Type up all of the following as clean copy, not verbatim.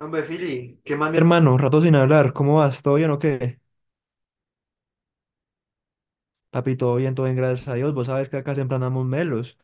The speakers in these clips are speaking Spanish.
Hombre, Fili, ¿qué más, mi hermano? Rato sin hablar, ¿cómo vas? ¿Todo bien o qué? Papi, todo bien, gracias a Dios. Vos sabes que acá siempre andamos melos.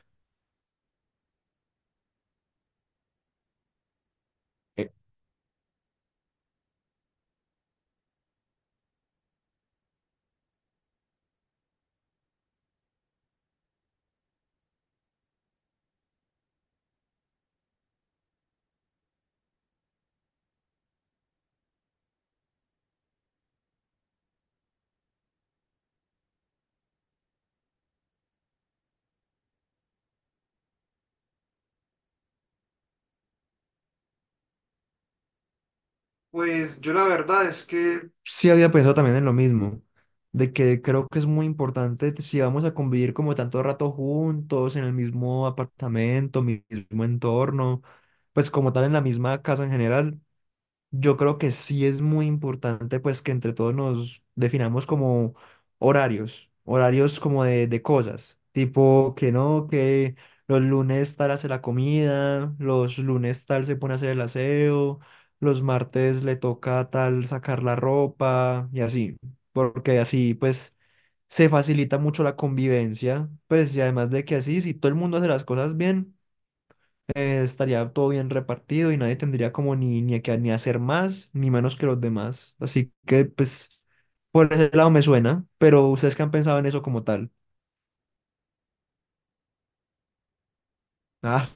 Pues yo la verdad es que sí había pensado también en lo mismo, de que creo que es muy importante si vamos a convivir como tanto rato juntos, en el mismo apartamento, mismo entorno, pues como tal en la misma casa en general. Yo creo que sí es muy importante pues que entre todos nos definamos como horarios, como de cosas, tipo que no, que los lunes tal hace la comida, los lunes tal se pone a hacer el aseo, los martes le toca a tal sacar la ropa y así, porque así pues se facilita mucho la convivencia, pues y además de que así si todo el mundo hace las cosas bien estaría todo bien repartido y nadie tendría como ni que ni hacer más ni menos que los demás. Así que pues por ese lado me suena, pero ustedes qué han pensado en eso como tal. Ah,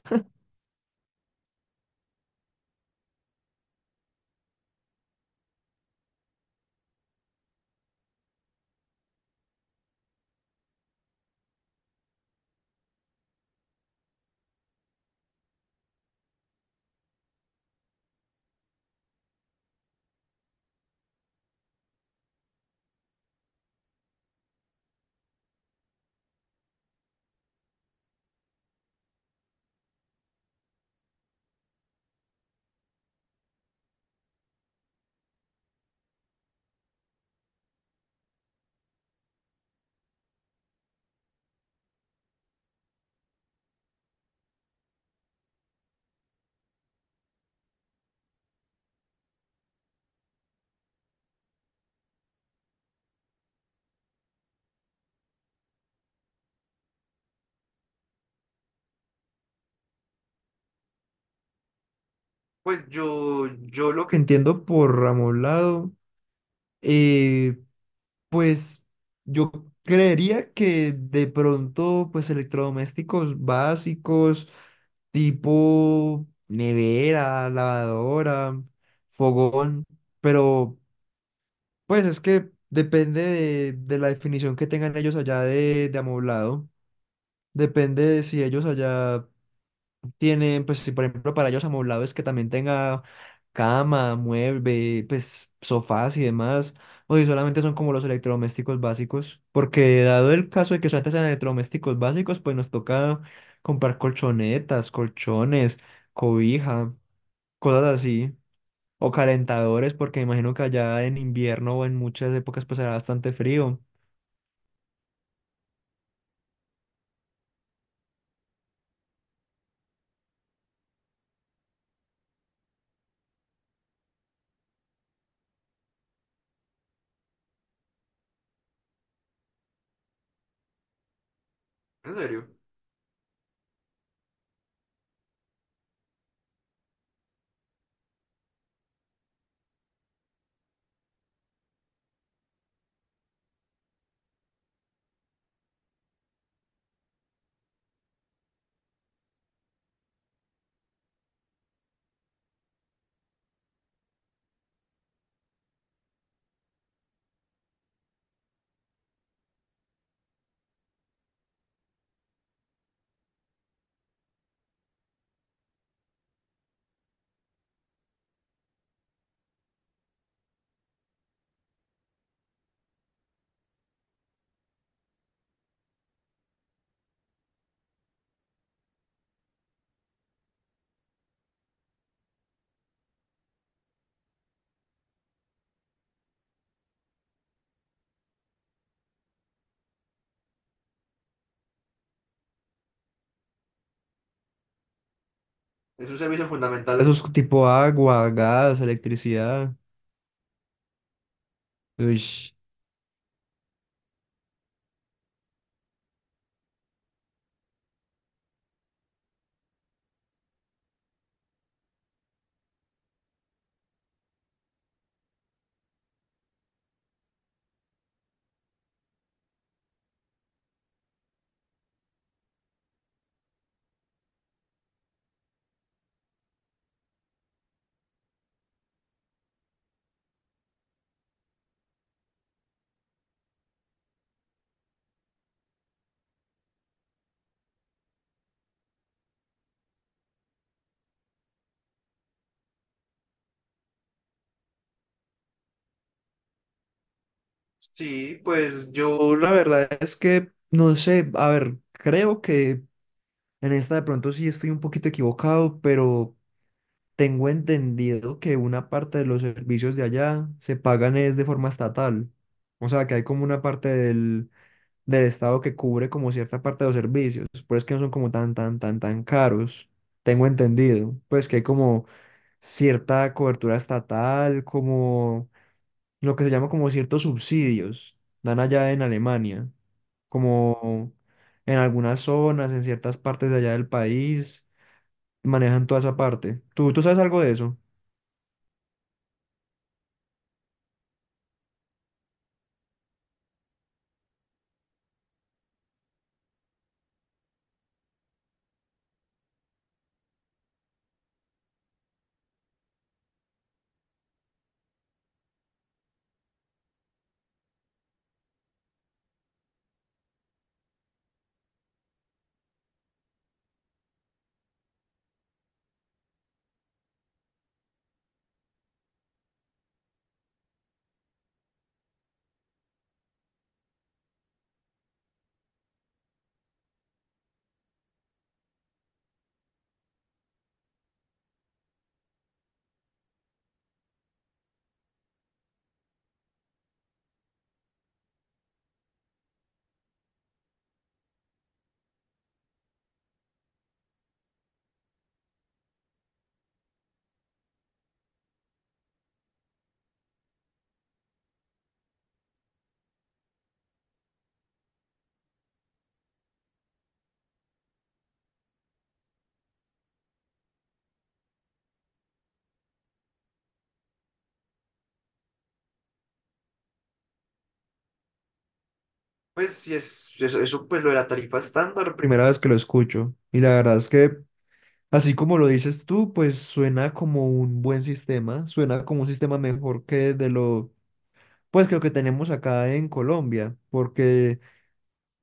pues yo lo que entiendo por Ramolado, eh, pues yo creería que de pronto pues electrodomésticos básicos tipo nevera, lavadora, fogón, pero pues es que depende de la definición que tengan ellos allá de amoblado. Depende de si ellos allá tienen, pues si por ejemplo para ellos amoblado es que también tenga cama, mueble, pues sofás y demás, o si solamente son como los electrodomésticos básicos. Porque dado el caso de que solamente sean electrodomésticos básicos, pues nos toca comprar colchonetas, colchones, cobija, cosas así. O calentadores, porque me imagino que allá en invierno o en muchas épocas pasará bastante frío. En serio, es un servicio fundamental. Esos tipo agua, gas, electricidad. Ush. Sí, pues yo, la verdad es que no sé, a ver, creo que en esta de pronto sí estoy un poquito equivocado, pero tengo entendido que una parte de los servicios de allá se pagan es de forma estatal. O sea, que hay como una parte del Estado que cubre como cierta parte de los servicios, por eso es que no son como tan caros, tengo entendido, pues que hay como cierta cobertura estatal, como lo que se llama como ciertos subsidios, dan allá en Alemania, como en algunas zonas, en ciertas partes de allá del país, manejan toda esa parte. Tú sabes algo de eso? Pues sí, eso, pues lo de la tarifa estándar, primera vez que lo escucho y la verdad es que así como lo dices tú, pues suena como un buen sistema, suena como un sistema mejor que de lo, pues que lo que tenemos acá en Colombia, porque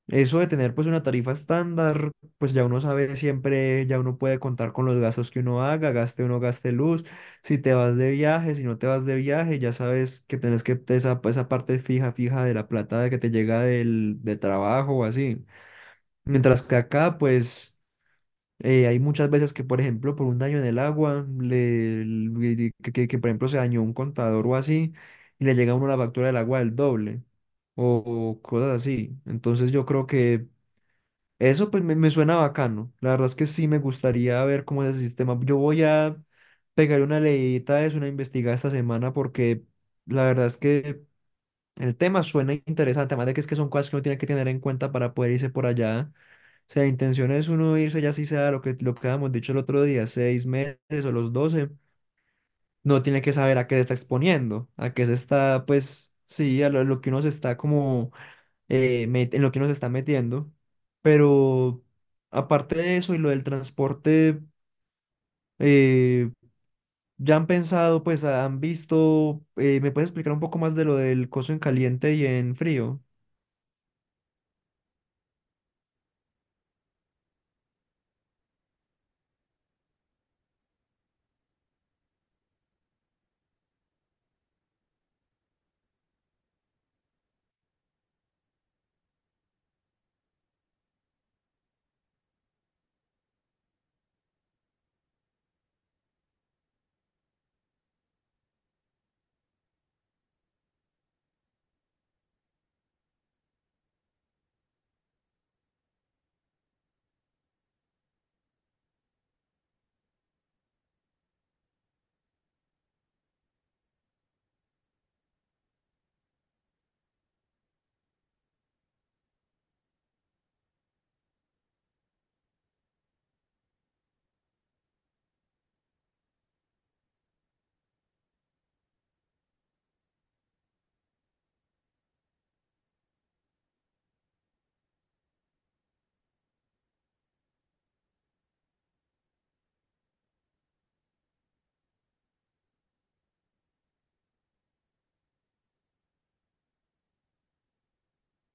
eso de tener pues una tarifa estándar, pues ya uno sabe siempre, ya uno puede contar con los gastos que uno haga, gaste o no gaste luz, si te vas de viaje, si no te vas de viaje, ya sabes que tenés que esa parte fija, de la plata que te llega de trabajo o así. Mientras que acá, pues... eh, hay muchas veces que, por ejemplo, por un daño en el agua, por ejemplo se dañó un contador o así, y le llega a uno la factura del agua del doble, o, o cosas así. Entonces yo creo que eso pues me suena bacano. La verdad es que sí me gustaría ver cómo es el sistema. Yo voy a pegar una leidita, es una investigada esta semana, porque la verdad es que el tema suena interesante, además de que es que son cosas que uno tiene que tener en cuenta para poder irse por allá, o sea, intención es uno irse ya si sea lo que habíamos dicho el otro día, 6 meses o los 12, no tiene que saber a qué se está exponiendo, a qué se está, pues, sí, a lo que uno se está como, en lo que uno se está metiendo. Pero aparte de eso y lo del transporte, eh, ya han pensado, pues, han visto, ¿me puedes explicar un poco más de lo del coso en caliente y en frío?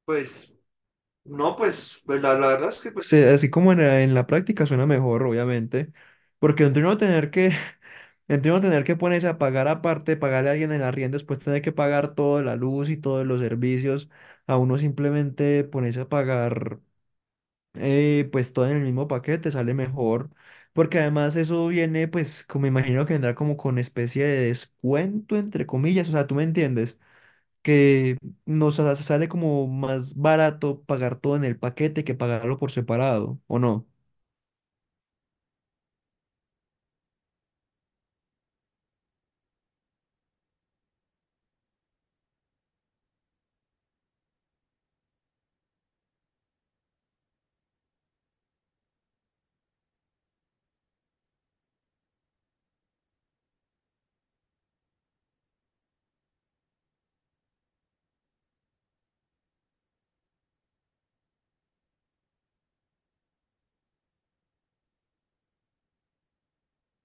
Pues no, la verdad es que pues así como en la práctica suena mejor, obviamente, porque entre uno tener que, entre uno tener que ponerse a pagar aparte, pagarle a alguien el arriendo, después tener que pagar toda la luz y todos los servicios, a uno simplemente ponerse a pagar pues todo en el mismo paquete sale mejor, porque además eso viene pues como me imagino que vendrá como con especie de descuento entre comillas, o sea, tú me entiendes que sale como más barato pagar todo en el paquete que pagarlo por separado, ¿o no?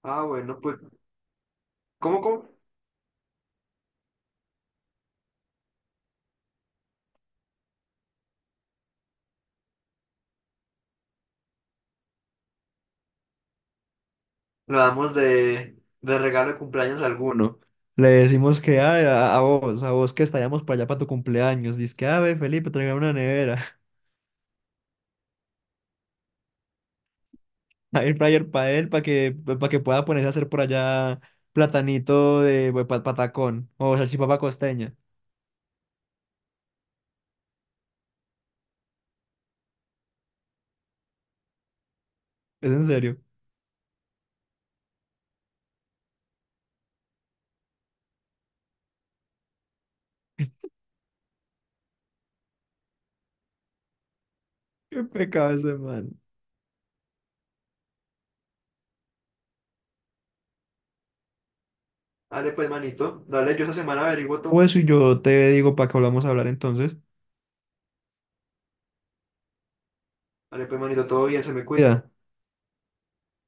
Ah, bueno, pues, cómo? Lo damos de regalo de cumpleaños a alguno. Le decimos que "Ay, a vos que estallamos para allá para tu cumpleaños. Dice que, a ver, Felipe, traiga una nevera, air fryer para él, para que pueda ponerse a hacer por allá platanito de patacón o salchipapa costeña. Es en serio. Qué pecado ese man. Dale pues, manito. Dale, yo esa semana averiguo todo eso y yo te digo para que volvamos a hablar entonces. Dale pues, manito, todo bien, se me cuida.